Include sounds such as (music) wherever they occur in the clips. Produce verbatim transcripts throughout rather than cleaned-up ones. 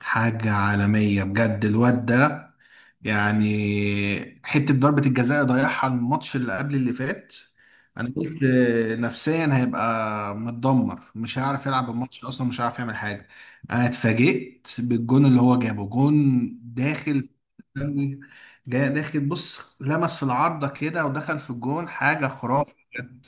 حاجة عالمية بجد الواد ده. يعني حتة ضربة الجزاء ضيعها الماتش اللي قبل اللي فات. أنا قلت نفسيا هيبقى متدمر، مش هيعرف يلعب الماتش أصلا، مش هيعرف يعمل حاجة. أنا اتفاجئت بالجون اللي هو جابه، جون داخل، جاي داخل بص لمس في العارضة كده ودخل في الجون، حاجة خرافة بجد.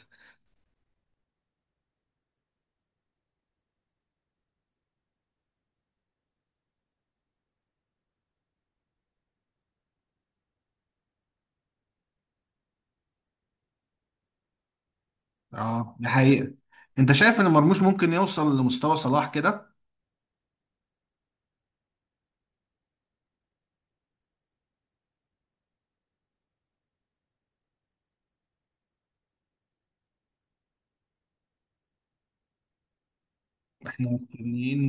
اه، دي حقيقة. انت شايف ان مرموش ممكن يوصل لمستوى صلاح كده؟ احنا مستنيين.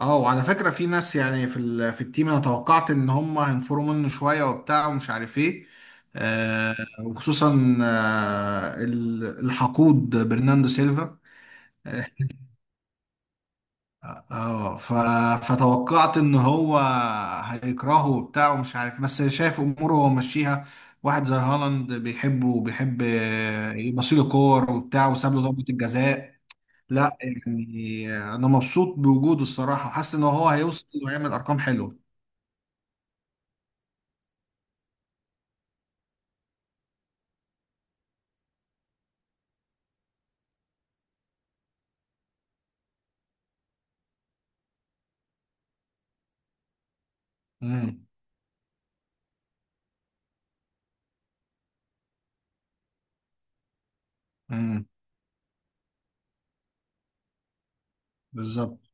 اه، وعلى فكرة في ناس يعني في ال... في التيم انا توقعت ان هم هينفروا منه شوية وبتاع ومش عارف ايه. آه وخصوصا آه ال- الحقود برناندو سيلفا. اه ف... فتوقعت ان هو هيكرهه وبتاع ومش عارف، بس شايف اموره هو ماشيها. واحد زي هالاند بيحبه، وبيحب يبصيله كور وبتاع، وساب له ضربة الجزاء. لا يعني انا مبسوط بوجوده الصراحة، حاسس ان هو هيوصل ويعمل ارقام حلوة. مم. امم. بالظبط،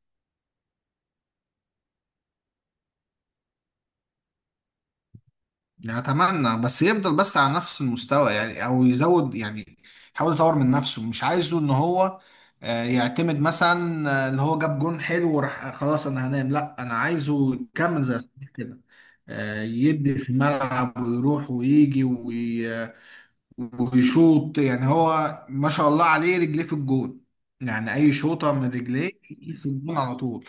يعني اتمنى بس يفضل بس على نفس المستوى، يعني او يزود، يعني يحاول يطور من نفسه. مش عايزه ان هو آه، يعتمد مثلا آه، اللي هو جاب جون حلو وراح آه، خلاص انا هنام. لا، انا عايزه يكمل زي صلاح كده، آه، يدي في الملعب ويروح ويجي ويشوط. يعني هو ما شاء الله عليه رجليه في الجون، يعني اي شوطه من رجليه في الجون على طول.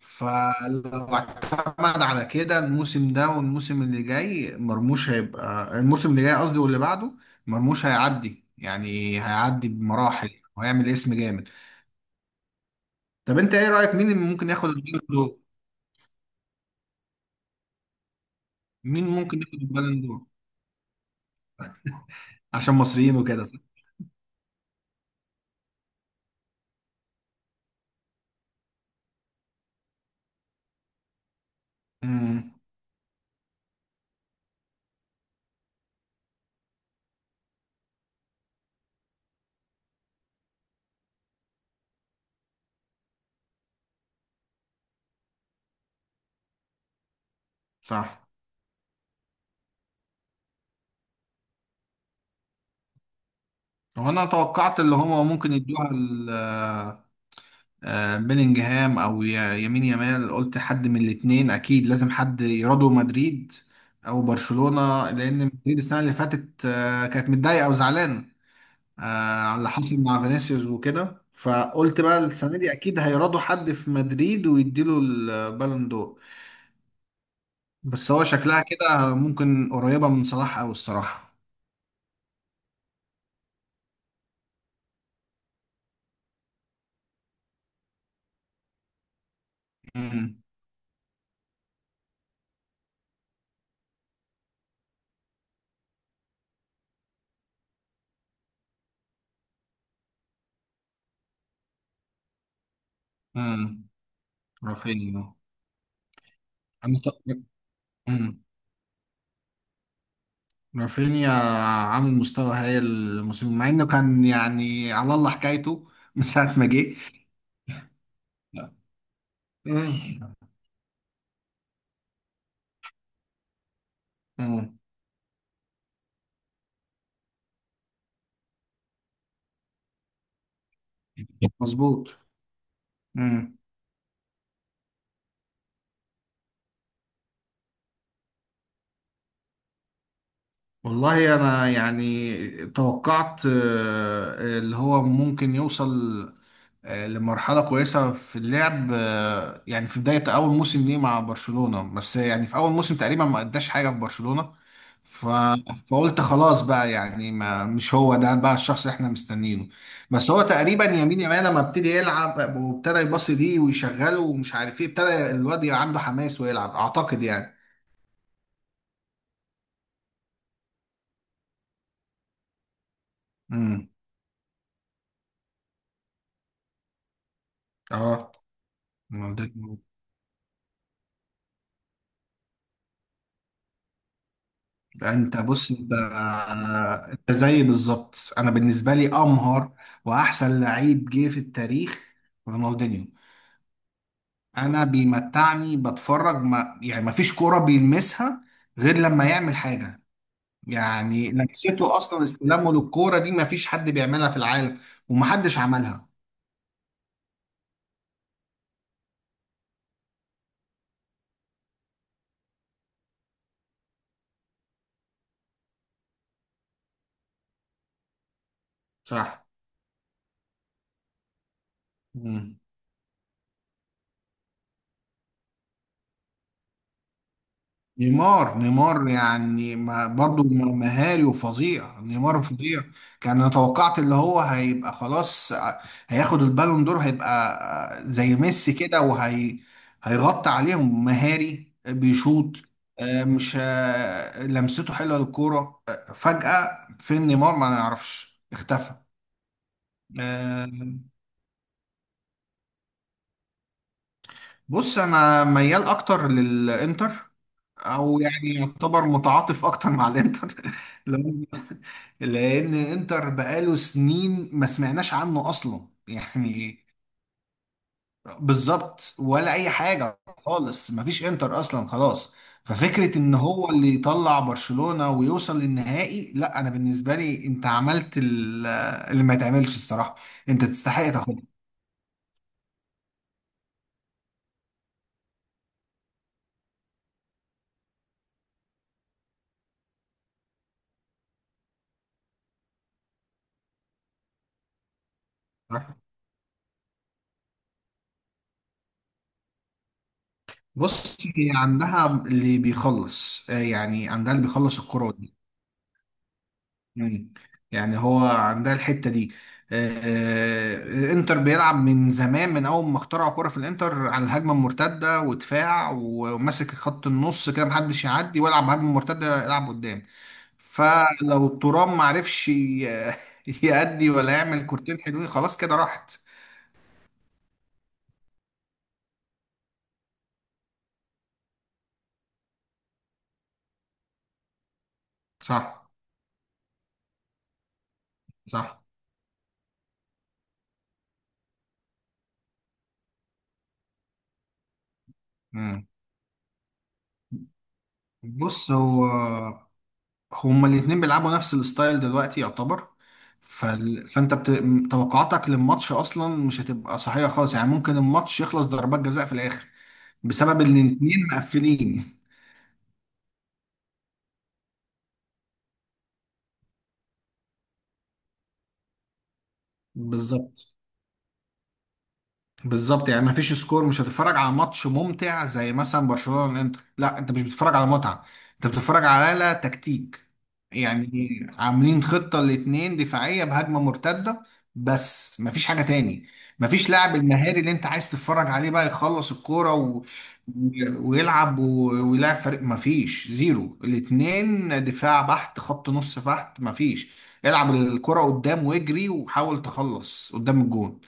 فلو اعتمد على كده الموسم ده والموسم اللي جاي، مرموش هيبقى الموسم اللي جاي قصدي واللي بعده. مرموش هيعدي يعني، هيعدي بمراحل وهيعمل اسم جامد. طب انت ايه رايك، مين اللي ممكن ياخد البالون دور؟ مين ممكن ياخد البالون دور؟ عشان مصريين وكده، صح؟ امم، صح. وانا توقعت اللي هما ممكن يدوها آه، بيلينجهام او يا- يمين يامال. قلت حد من الاثنين اكيد، لازم حد يرادو مدريد او برشلونة. لان مدريد السنة اللي فاتت آه، كانت متضايقة وزعلانة آه، على اللي حصل مع فينيسيوس وكده. فقلت بقى السنة دي اكيد هيرادوا حد في مدريد ويديله البالون دور. بس هو شكلها كده ممكن قريبة من صلاح او الصراحة. امم. امم، رافينيا. انا ط- مم. رافينيا عامل مستوى هايل الموسم، مع انه كان يعني على الله حكايته (laughs) من ساعة ما جه. مم. مم. مظبوط. والله انا يعني توقعت آه، اللي هو ممكن يوصل آه، لمرحلة كويسة في اللعب، آه، يعني في بداية أول موسم ليه مع برشلونة. بس يعني في أول موسم تقريبا ما أداش حاجة في برشلونة. ف... فقلت خلاص بقى، يعني ما مش هو ده بقى الشخص اللي احنا مستنيينه. بس هو تقريبا يمين، يمين لما ابتدي يلعب وابتدى يباصي دي ويشغله ومش عارف ايه، ابتدى الواد يبقى عنده حماس ويلعب أعتقد يعني. امم. اه. انت بص، انت انت زيي بالظبط. انا بالنسبه لي امهر واحسن لعيب جه في التاريخ رونالدينيو. انا بيمتعني بتفرج، ما يعني ما فيش كوره بيلمسها غير لما يعمل حاجه. يعني لمسته اصلا، استلامه للكوره دي ما فيش حد بيعملها في العالم، ومحدش عملها. صح. مم. نيمار، نيمار يعني ما برضو م- مهاري وفظيع، نيمار فظيع. كان انا توقعت اللي هو هيبقى خلاص ع- هياخد البالون دور، هيبقى آه، زي ميسي كده وهي هيغطي عليهم مهاري آه، بيشوط، آه، مش آه، لمسته حلوه للكوره. آه، فجأة فين نيمار ما نعرفش، اختفى. آه، بص انا ميال اكتر للانتر، او يعني يعتبر متعاطف اكتر مع الانتر. (laughs) لان انتر بقاله سنين ما سمعناش عنه اصلا (laughs) يعني. بالظبط، ولا اي حاجه خالص، ما فيش انتر اصلا خلاص. ففكره ان هو اللي يطلع برشلونه ويوصل للنهائي، لا، انا بالنسبه لي انت عملت ال- اللي ما يتعملش الصراحه، انت تستحق تاخدها. بص هي عندها اللي بيخلص، آه، يعني عندها اللي بيخلص الكرة. مم. يعني هو عندها الحتة دي. آه، الانتر بيلعب من زمان، من اول ما اخترعوا كرة، في الانتر على الهجمة المرتدة ودفاع وماسك خط النص كده، محدش يعدي ويلعب هجمة مرتدة، يلعب قدام. فلو ترام معرفش ي- (laughs) يأدي ولا يعمل كورتين حلوين، خلاص كده راحت. صح. صح. مم. بص هو هما الاتنين بيلعبوا نفس الستايل دلوقتي يعتبر. فال... فانت بت... م- توقعاتك للماتش اصلا مش هتبقى صحيحه خالص، يعني ممكن الماتش يخلص ضربات جزاء في الاخر بسبب ان الاتنين مقفلين. بالظبط، بالظبط. يعني مفيش سكور، مش هتتفرج على ماتش ممتع زي مثلا برشلونة والانتر. لا، انت مش بتتفرج على متعة، انت بتتفرج على تكتيك. يعني عاملين خطة الاتنين دفاعية بهجمة مرتدة، بس مفيش حاجة تاني. مفيش لاعب المهاري اللي انت عايز تتفرج عليه بقى يخلص الكورة و... ويلعب و... ويلعب فريق. مفيش زيرو، الاتنين دفاع بحت خط نص بحت، مفيش. العب الكرة قدام واجري وحاول تخلص قدام الجون.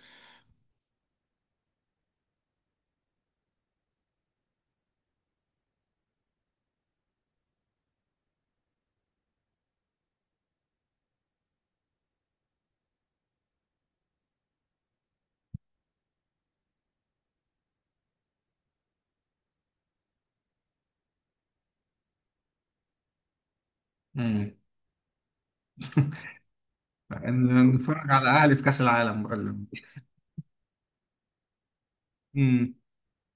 مم. (laughs) إن- نتفرج على الاهلي في كاس العالم بقى اللي- امم.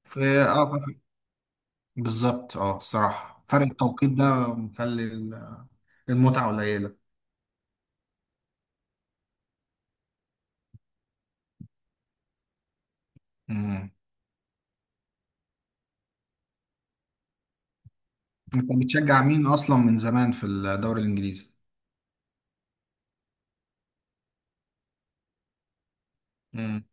في اه فرق- بالظبط، اه الصراحه فرق التوقيت ده مخلي ال- المتعه قليله. امم. انت بتشجع مين اصلا من زمان في الدوري الانجليزي؟ امم.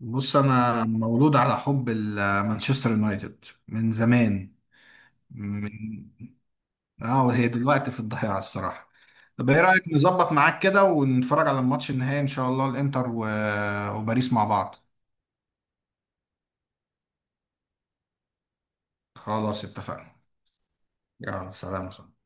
بص انا مولود على حب ال- مانشستر يونايتد من زمان. من اه وهي دلوقتي في الضياع الصراحه. طب ايه رايك نظبط معاك كده ونتفرج على الماتش النهائي ان شاء الله الانتر و... وباريس مع بعض. خلاص اتفقنا. يلا سلام.